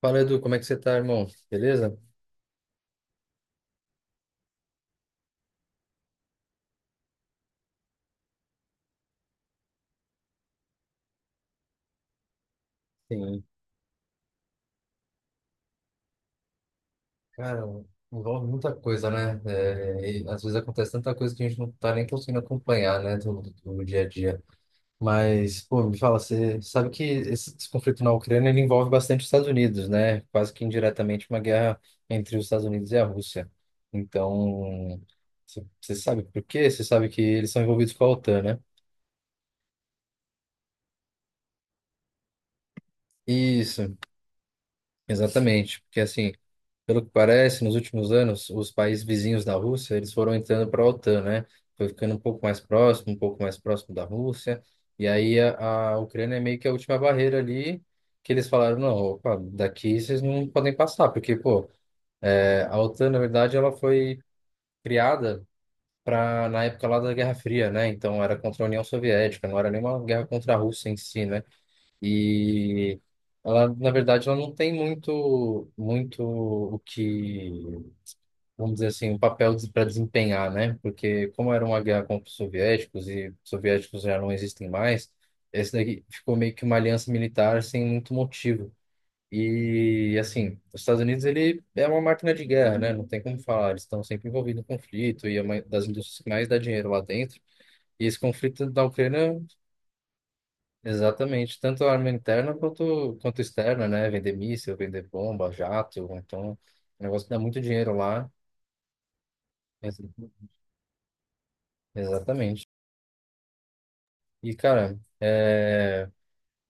Fala, Edu, como é que você tá, irmão? Beleza? Sim, cara, envolve muita coisa, né? É, e às vezes acontece tanta coisa que a gente não tá nem conseguindo acompanhar, né, do dia a dia. Mas, pô, me fala, você sabe que esse conflito na Ucrânia ele envolve bastante os Estados Unidos, né? Quase que indiretamente uma guerra entre os Estados Unidos e a Rússia. Então, você sabe por quê? Você sabe que eles são envolvidos com a OTAN, né? Isso, exatamente. Porque assim. Pelo que parece, nos últimos anos, os países vizinhos da Rússia, eles foram entrando para a OTAN, né? Foi ficando um pouco mais próximo, um pouco mais próximo da Rússia. E aí a Ucrânia é meio que a última barreira ali que eles falaram, não, opa, daqui vocês não podem passar, porque, pô, é, a OTAN, na verdade, ela foi criada para na época lá da Guerra Fria, né? Então era contra a União Soviética, não era nenhuma guerra contra a Rússia em si, né? E ela, na verdade, ela não tem muito, muito o que vamos dizer assim, um papel para desempenhar, né? Porque como era uma guerra contra os soviéticos e os soviéticos já não existem mais, esse daqui ficou meio que uma aliança militar sem muito motivo. E assim, os Estados Unidos ele é uma máquina de guerra, né? Não tem como falar, eles estão sempre envolvidos em conflito e é uma das indústrias que mais dá dinheiro lá dentro. E esse conflito da Ucrânia, exatamente, tanto a arma interna quanto externa, né? Vender míssil, vender bomba, jato, então, é um negócio que dá muito dinheiro lá. Ex- Exatamente. E, cara, é,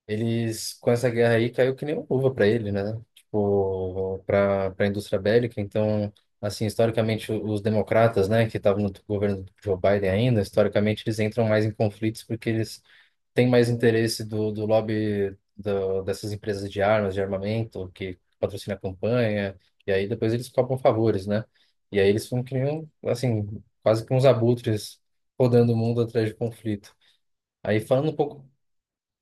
eles, com essa guerra aí, caiu que nem uma luva pra ele, né? Tipo, pra indústria bélica. Então, assim, historicamente, os democratas, né, que estavam no governo do Joe Biden ainda, historicamente, eles entram mais em conflitos porque eles têm mais interesse do lobby dessas empresas de armas, de armamento, que patrocina a campanha. E aí, depois eles cobram favores, né? E aí, eles ficam que nem, assim, quase que uns abutres rodando o mundo atrás de conflito. Aí, falando um pouco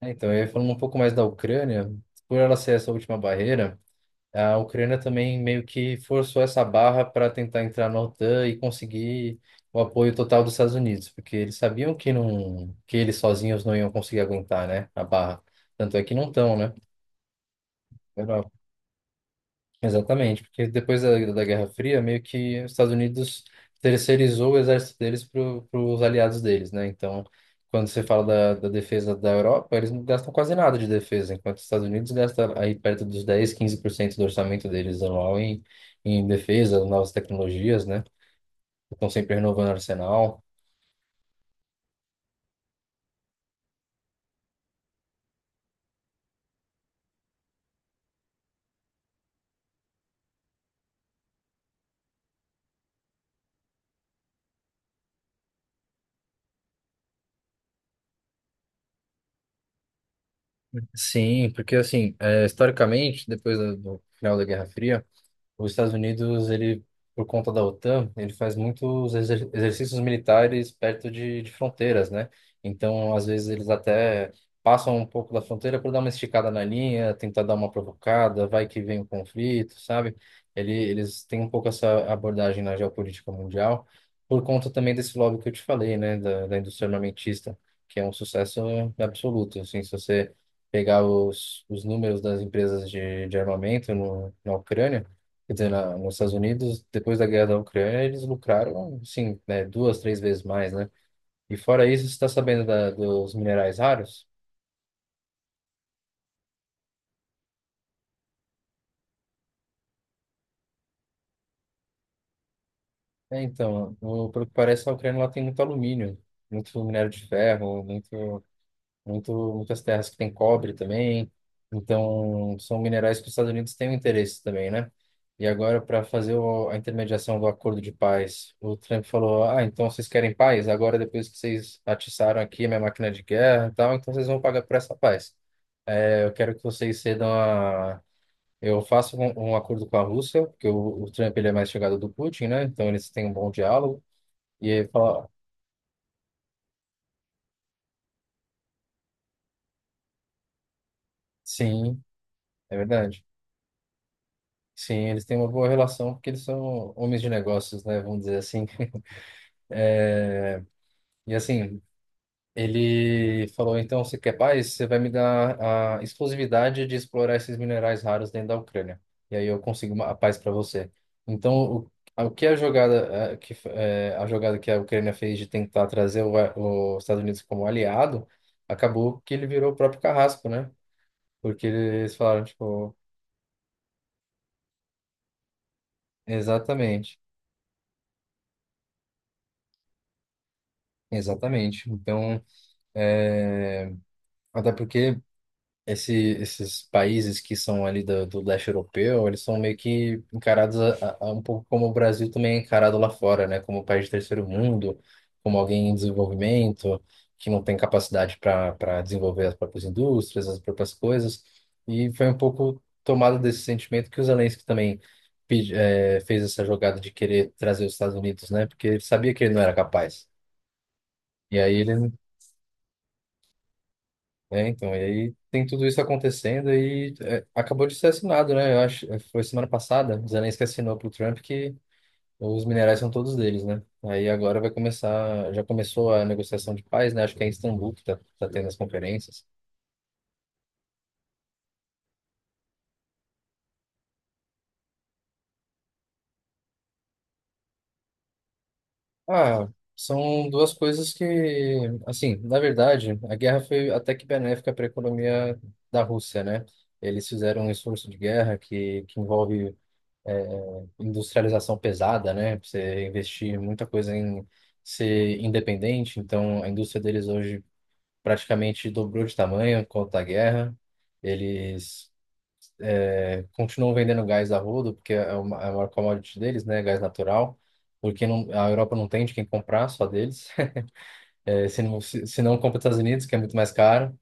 então, eu ia falando um pouco mais da Ucrânia, por ela ser essa última barreira, a Ucrânia também meio que forçou essa barra para tentar entrar na OTAN e conseguir o apoio total dos Estados Unidos, porque eles sabiam que não, que eles sozinhos não iam conseguir aguentar, né, a barra. Tanto é que não estão, né? Exatamente, porque depois da Guerra Fria, meio que os Estados Unidos terceirizou o exército deles para os aliados deles, né? Então, quando você fala da defesa da Europa, eles não gastam quase nada de defesa, enquanto os Estados Unidos gastam aí perto dos 10 15% do orçamento deles anual em defesa, novas tecnologias, né? Estão sempre renovando o arsenal. Sim, porque assim, historicamente, depois do final da Guerra Fria, os Estados Unidos, ele, por conta da OTAN, ele faz muitos exercícios militares perto de fronteiras, né? Então, às vezes, eles até passam um pouco da fronteira por dar uma esticada na linha, tentar dar uma provocada, vai que vem o conflito, sabe? Eles têm um pouco essa abordagem na geopolítica mundial, por conta também desse lobby que eu te falei, né? Da indústria armamentista, que é um sucesso absoluto, assim, se você pegar os números das empresas de armamento no, na Ucrânia. Quer dizer, nos Estados Unidos, depois da guerra da Ucrânia, eles lucraram, sim, né, duas, três vezes mais, né? E fora isso, você está sabendo dos minerais raros? É, então, pelo que parece, a Ucrânia lá tem muito alumínio, muito minério de ferro, muitas terras que tem cobre também. Então, são minerais que os Estados Unidos têm um interesse também, né? E agora, para fazer a intermediação do acordo de paz, o Trump falou: Ah, então vocês querem paz? Agora, depois que vocês atiçaram aqui a minha máquina de guerra e tal, então vocês vão pagar por essa paz. É, eu quero que vocês cedam a. Eu faço um acordo com a Rússia, porque o Trump ele é mais chegado do Putin, né? Então eles têm um bom diálogo. E ele fala: sim, é verdade. Sim, eles têm uma boa relação porque eles são homens de negócios, né? Vamos dizer assim. E assim, ele falou: então, você quer paz? Você vai me dar a exclusividade de explorar esses minerais raros dentro da Ucrânia. E aí eu consigo a paz para você. Então, o que a jogada, a jogada que a Ucrânia fez de tentar trazer os Estados Unidos como aliado, acabou que ele virou o próprio carrasco, né? Porque eles falaram, tipo, exatamente, exatamente. Então, é, até porque. Esse, Esses países que são ali do leste europeu, eles são meio que encarados um pouco como o Brasil também é encarado lá fora, né? Como um país de terceiro mundo, como alguém em desenvolvimento, que não tem capacidade para desenvolver as próprias indústrias, as próprias coisas. E foi um pouco tomado desse sentimento que o Zelensky também fez essa jogada de querer trazer os Estados Unidos, né? Porque ele sabia que ele não era capaz. E aí ele É, então, e aí tem tudo isso acontecendo e acabou de ser assinado, né? Eu acho, foi semana passada, o Zelensky assinou pro Trump que os minerais são todos deles, né? Aí agora vai começar, já começou a negociação de paz, né? Acho que é em Istambul que tá tendo as conferências. Ah, são duas coisas que, assim, na verdade, a guerra foi até que benéfica para a economia da Rússia, né? Eles fizeram um esforço de guerra que envolve industrialização pesada, né? Pra você investir muita coisa em ser independente. Então, a indústria deles hoje praticamente dobrou de tamanho por conta da guerra. Eles continuam vendendo gás a rodo, porque é é a maior commodity deles, né? Gás natural. Porque não, a Europa não tem de quem comprar, só deles. Se não, se não compra os Estados Unidos, que é muito mais caro.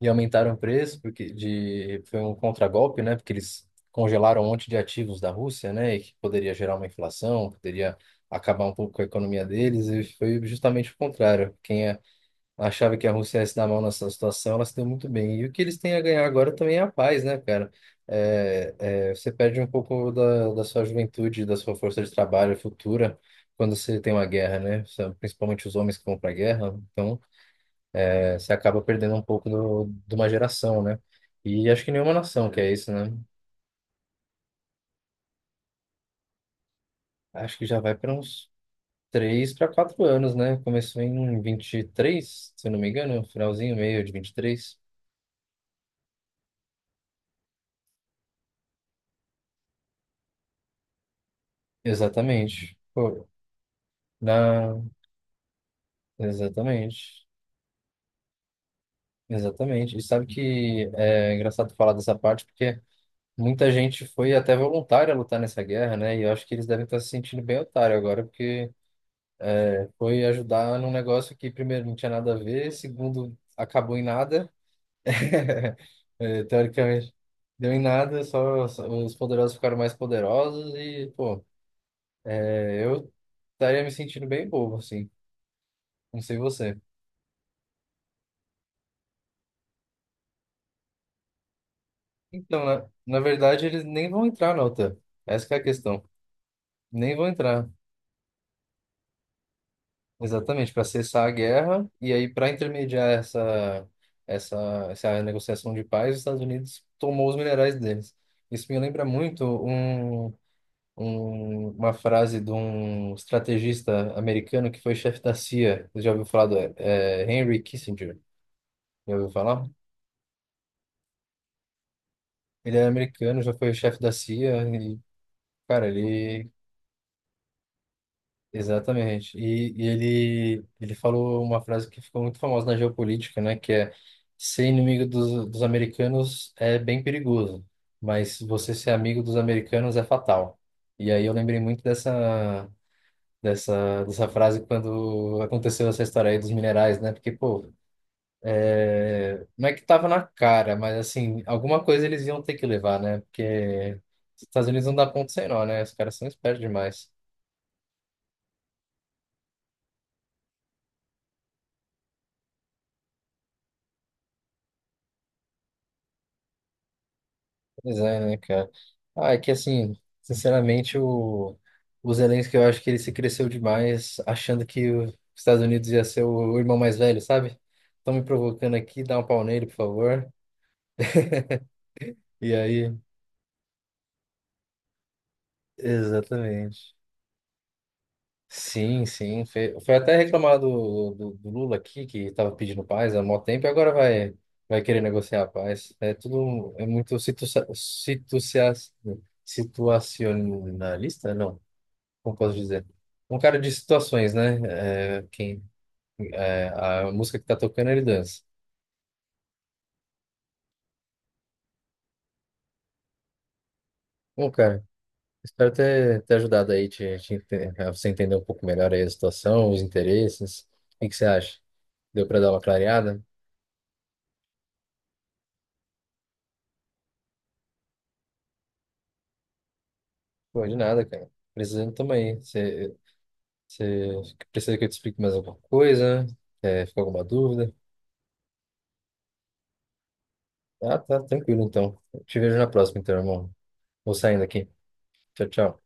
E aumentaram o preço porque de foi um contragolpe, né? Porque eles congelaram um monte de ativos da Rússia, né? E que poderia gerar uma inflação, poderia acabar um pouco com a economia deles. E foi justamente o contrário. Achava que a Rússia ia se dar mal nessa situação, ela se deu muito bem. E o que eles têm a ganhar agora também é a paz, né, cara? É, você perde um pouco da sua juventude, da sua força de trabalho futura quando você tem uma guerra, né? Principalmente os homens que vão para a guerra. Então, você acaba perdendo um pouco de uma geração, né? E acho que nenhuma nação quer isso, né? Acho que já vai para uns 3 para 4 anos, né? Começou em vinte e três, se eu não me engano, finalzinho, meio de vinte e três. Exatamente. Pô, na... exatamente. Exatamente. E sabe que é engraçado falar dessa parte, porque muita gente foi até voluntária lutar nessa guerra, né? E eu acho que eles devem estar se sentindo bem otário agora, porque foi ajudar num negócio que, primeiro, não tinha nada a ver, segundo, acabou em nada. Teoricamente, deu em nada, só os poderosos ficaram mais poderosos e, pô, eu estaria me sentindo bem bobo, assim. Não sei você. Então, na verdade, eles nem vão entrar na OTAN. Essa que é a questão. Nem vão entrar. Exatamente, para cessar a guerra e aí para intermediar essa, essa negociação de paz, os Estados Unidos tomou os minerais deles. Isso me lembra muito uma frase de um estrategista americano que foi chefe da CIA. Você já ouviu falar do Henry Kissinger? Já ouviu falar? Ele é americano, já foi chefe da CIA e, cara, ele... Exatamente. E ele falou uma frase que ficou muito famosa na geopolítica, né? Que ser inimigo dos americanos é bem perigoso, mas você ser amigo dos americanos é fatal. E aí eu lembrei muito dessa dessa frase quando aconteceu essa história aí dos minerais, né? Porque, pô, não é que tava na cara, mas assim, alguma coisa eles iam ter que levar, né? Porque os Estados Unidos não dá ponto sem nó, né? Os caras são espertos demais. Pois é, né, cara? Ah, é que assim, sinceramente, o Zelensky, eu acho que ele se cresceu demais achando que os Estados Unidos ia ser o irmão mais velho, sabe? Estão me provocando aqui, dá um pau nele, por favor. E aí, exatamente. Sim, sim. Foi até reclamar do Lula aqui, que estava pedindo paz há mó tempo, e agora vai querer negociar a paz. É tudo é muito situacia- situacionalista? Não, como posso dizer? Um cara de situações, né? É, quem, é, a música que tá tocando, ele dança. Bom, cara, espero ter ajudado aí, a você entender um pouco melhor aí a situação, os interesses. O que que você acha? Deu para dar uma clareada? Pô, de nada, cara. Precisando também. Você precisa que eu te explique mais alguma coisa? Ficou alguma dúvida? Ah, tá, tranquilo então. Eu te vejo na próxima, então, irmão. Vou saindo aqui. Tchau, tchau.